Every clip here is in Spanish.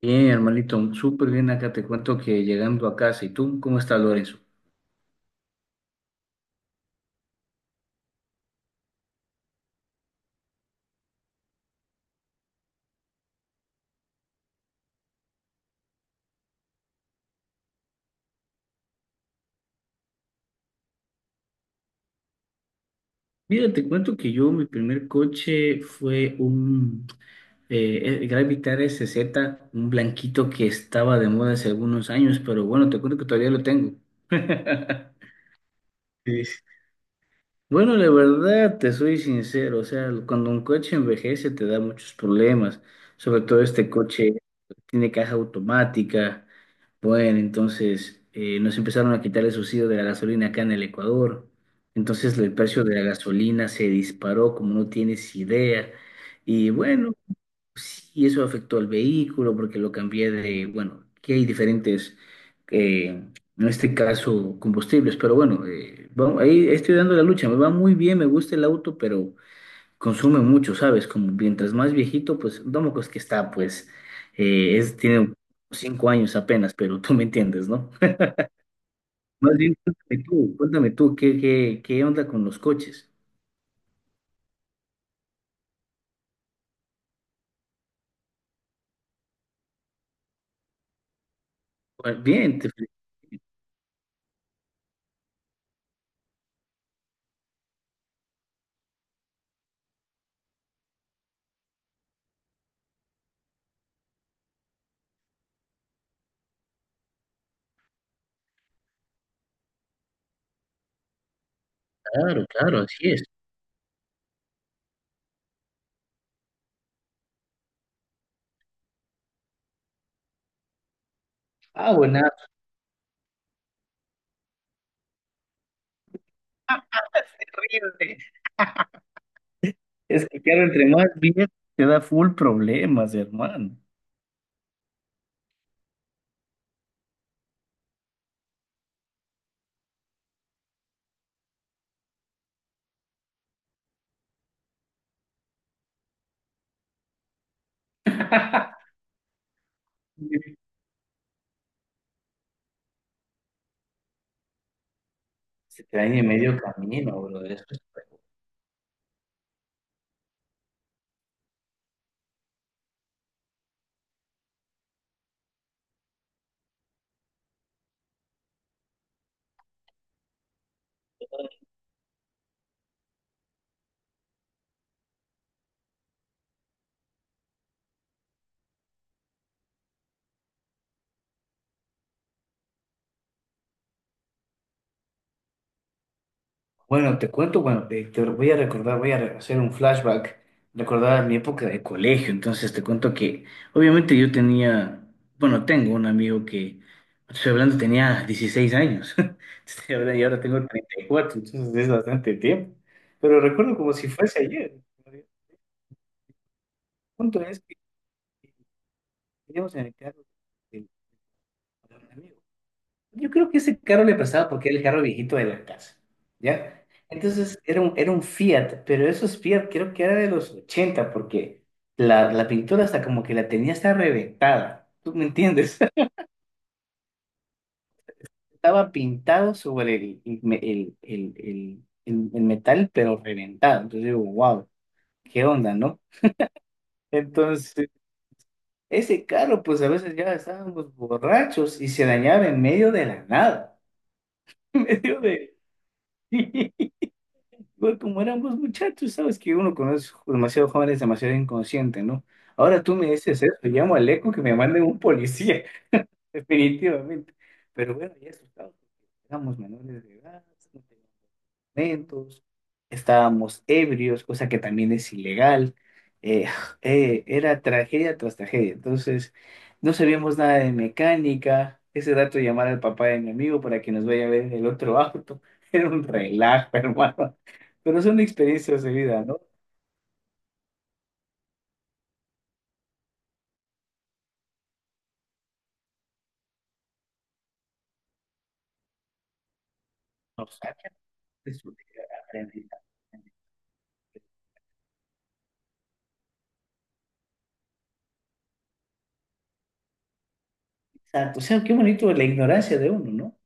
Bien, hermanito, súper bien acá. Te cuento que llegando a casa. ¿Y tú cómo estás, Lorenzo? Mira, te cuento que yo, mi primer coche fue un Gravitar SZ, un blanquito que estaba de moda hace algunos años, pero bueno, te cuento que todavía lo tengo. Sí. Bueno, la verdad, te soy sincero, o sea, cuando un coche envejece te da muchos problemas, sobre todo este coche tiene caja automática, bueno, entonces nos empezaron a quitar el subsidio de la gasolina acá en el Ecuador, entonces el precio de la gasolina se disparó como no tienes idea, y bueno, sí, eso afectó al vehículo porque lo cambié de, bueno, que hay diferentes, eh, en este caso, combustibles, pero bueno, vamos, ahí estoy dando la lucha, me va muy bien, me gusta el auto, pero consume mucho, ¿sabes? Como mientras más viejito, pues, Domocos que está, pues, tiene 5 años apenas, pero tú me entiendes, ¿no? Más bien, cuéntame tú, ¿qué onda con los coches? Pues, bien, te felicito. Claro, claro, así es. Ah, buena, terrible. Es que, claro, entre más bien te da full problemas, hermano. Se te daña en medio camino, brother. Bueno, te cuento, bueno, te voy a recordar, voy a hacer un flashback, recordar mi época de colegio. Entonces te cuento que, obviamente yo tenía, bueno, tengo un amigo que, estoy hablando, tenía 16 años. Estoy hablando y ahora tengo 34 entonces es bastante tiempo. Pero recuerdo como si fuese ayer. El punto es que teníamos en el carro el- yo creo que ese carro le prestaba porque era el carro viejito de la casa, ¿ya? Entonces era un Fiat, pero esos Fiat creo que era de los 80 porque la pintura hasta como que la tenía hasta reventada, ¿tú me entiendes? Estaba pintado sobre el, me- el metal, pero reventado. Entonces digo, wow, ¿qué onda, no? Entonces, ese carro, pues a veces ya estábamos borrachos y se dañaba en medio de la nada, en medio de... Bueno, como éramos muchachos, sabes que uno conoce demasiado jóvenes, demasiado inconsciente, ¿no? Ahora tú me dices eso, llamo al eco que me manden un policía. Definitivamente. Pero bueno, ya asustados, porque éramos menores de edad, no teníamos documentos, estábamos ebrios, cosa que también es ilegal. Eh, era tragedia tras tragedia. Entonces, no sabíamos nada de mecánica. Ese dato llamar al papá de mi amigo para que nos vaya a ver el otro auto. Era un relajo, hermano. Pero son experiencias de vida, ¿no? Nos sacan de su- aprender. Exacto. O sea, qué bonito la ignorancia de uno, ¿no?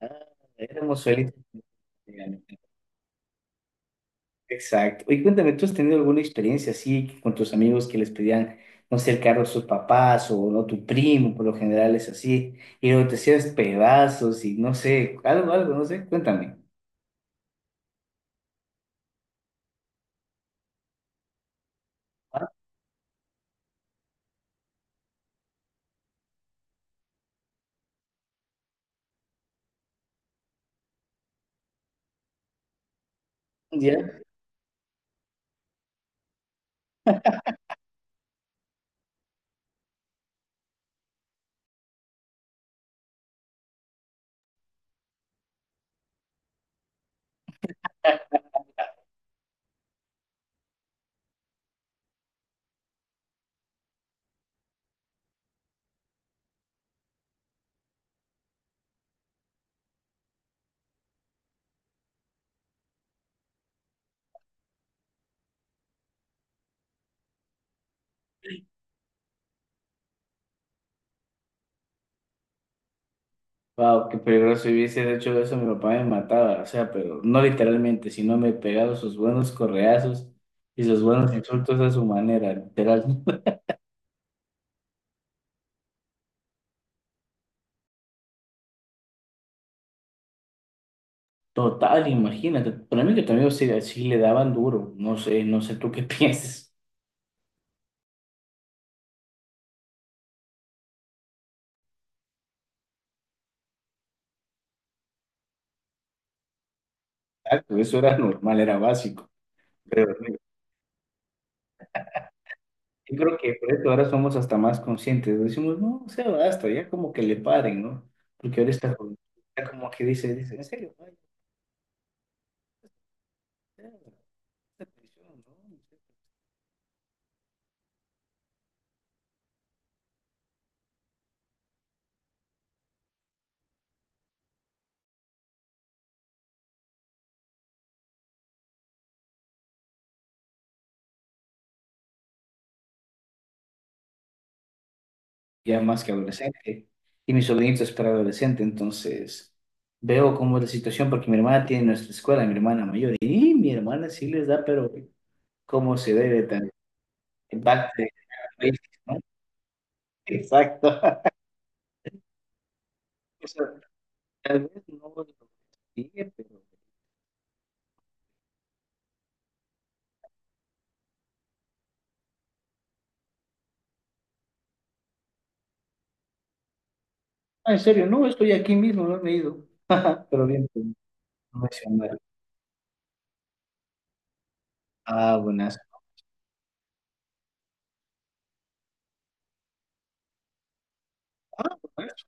Ah, éramos suelitos. Exacto. Oye, cuéntame, ¿tú has tenido alguna experiencia así que con tus amigos que les pedían, no sé, el carro a sus papás o no tu primo, por lo general es así, y luego te hacías pedazos y no sé, algo, algo, no sé, cuéntame. Ah, ¿ya? Wow, qué peligroso. Si hubiese hecho eso, mi papá me mataba. O sea, pero no literalmente, sino me pegaba sus buenos correazos y sus buenos insultos a su manera, literal. Total, imagínate. Para mí que también sí, sí le daban duro. No sé, no sé tú qué piensas. Exacto, eso era normal, era básico. Pero mira, yo creo que por eso ahora somos hasta más conscientes. Decimos, no, o sea, basta, ya como que le paren, ¿no? Porque ahora está como que dice, en serio, ay, ya, esta prisión, ¿no? Ya más que adolescente. Y mi sobrinito es adolescente, entonces veo cómo es la situación, porque mi hermana tiene nuestra escuela, mi hermana mayor, y mi hermana sí les da, pero cómo se debe también. Basta, ¿no? Exacto. O sea, tal vez no lo sigue, pero... Ah, en serio, no, estoy aquí mismo, no me he ido. Pero bien, pues, no mencionar. Ah, buenas. Ah, buenas.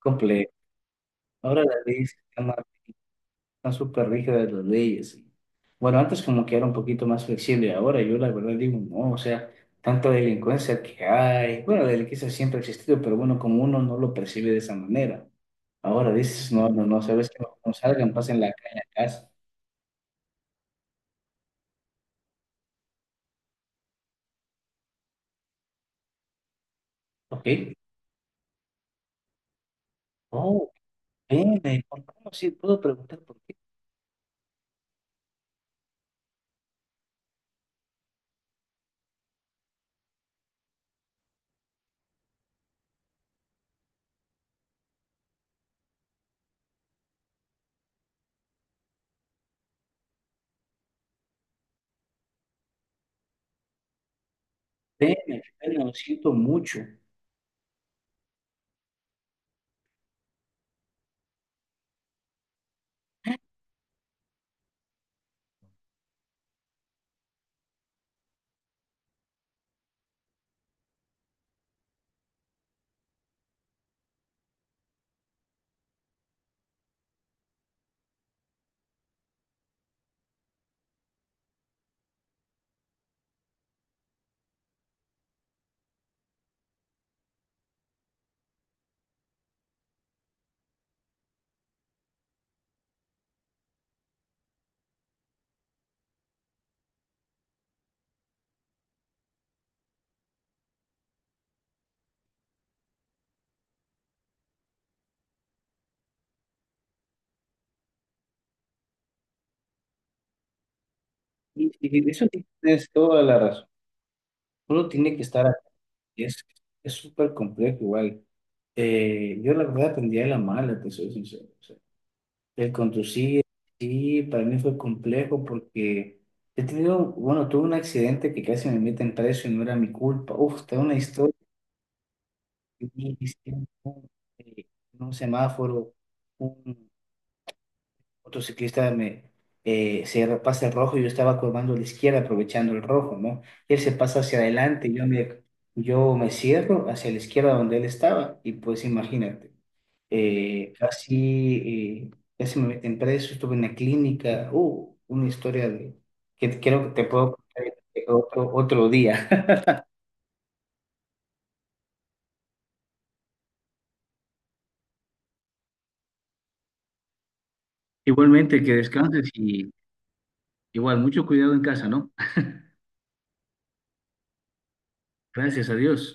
Completo. Ahora la ley se llama están súper rígidas las leyes. Bueno, antes como que era un poquito más flexible, ahora yo la verdad digo, no, o sea, tanta delincuencia que hay, bueno, la delincuencia siempre ha existido, pero bueno, como uno no lo percibe de esa manera, ahora dices, no, no, no, sabes que no salgan, pasen la calle a casa, ¿ok? Oh, pene, ¿por qué no? Sí, puedo preguntar por qué, pene, pene, lo siento mucho, y eso tienes toda la razón, uno tiene que estar Es, es súper complejo igual. Yo la verdad aprendí a la mala, te soy sincero. O sea, el conducir, sí, para mí fue complejo porque he tenido, bueno, tuve un accidente que casi me meten preso y no era mi culpa. Uf, tengo una historia. Que me hicieron, eh, en un semáforo, otro ciclista me, se pasa el rojo y yo estaba curvando a la izquierda aprovechando el rojo, ¿no? Él se pasa hacia adelante, yo me cierro hacia la izquierda donde él estaba y pues imagínate, eh, casi, eh, casi me meten preso, estuve en la clínica, una historia de, que creo que te puedo contar otro día. Igualmente, que descanses y igual, mucho cuidado en casa, ¿no? Gracias a Dios.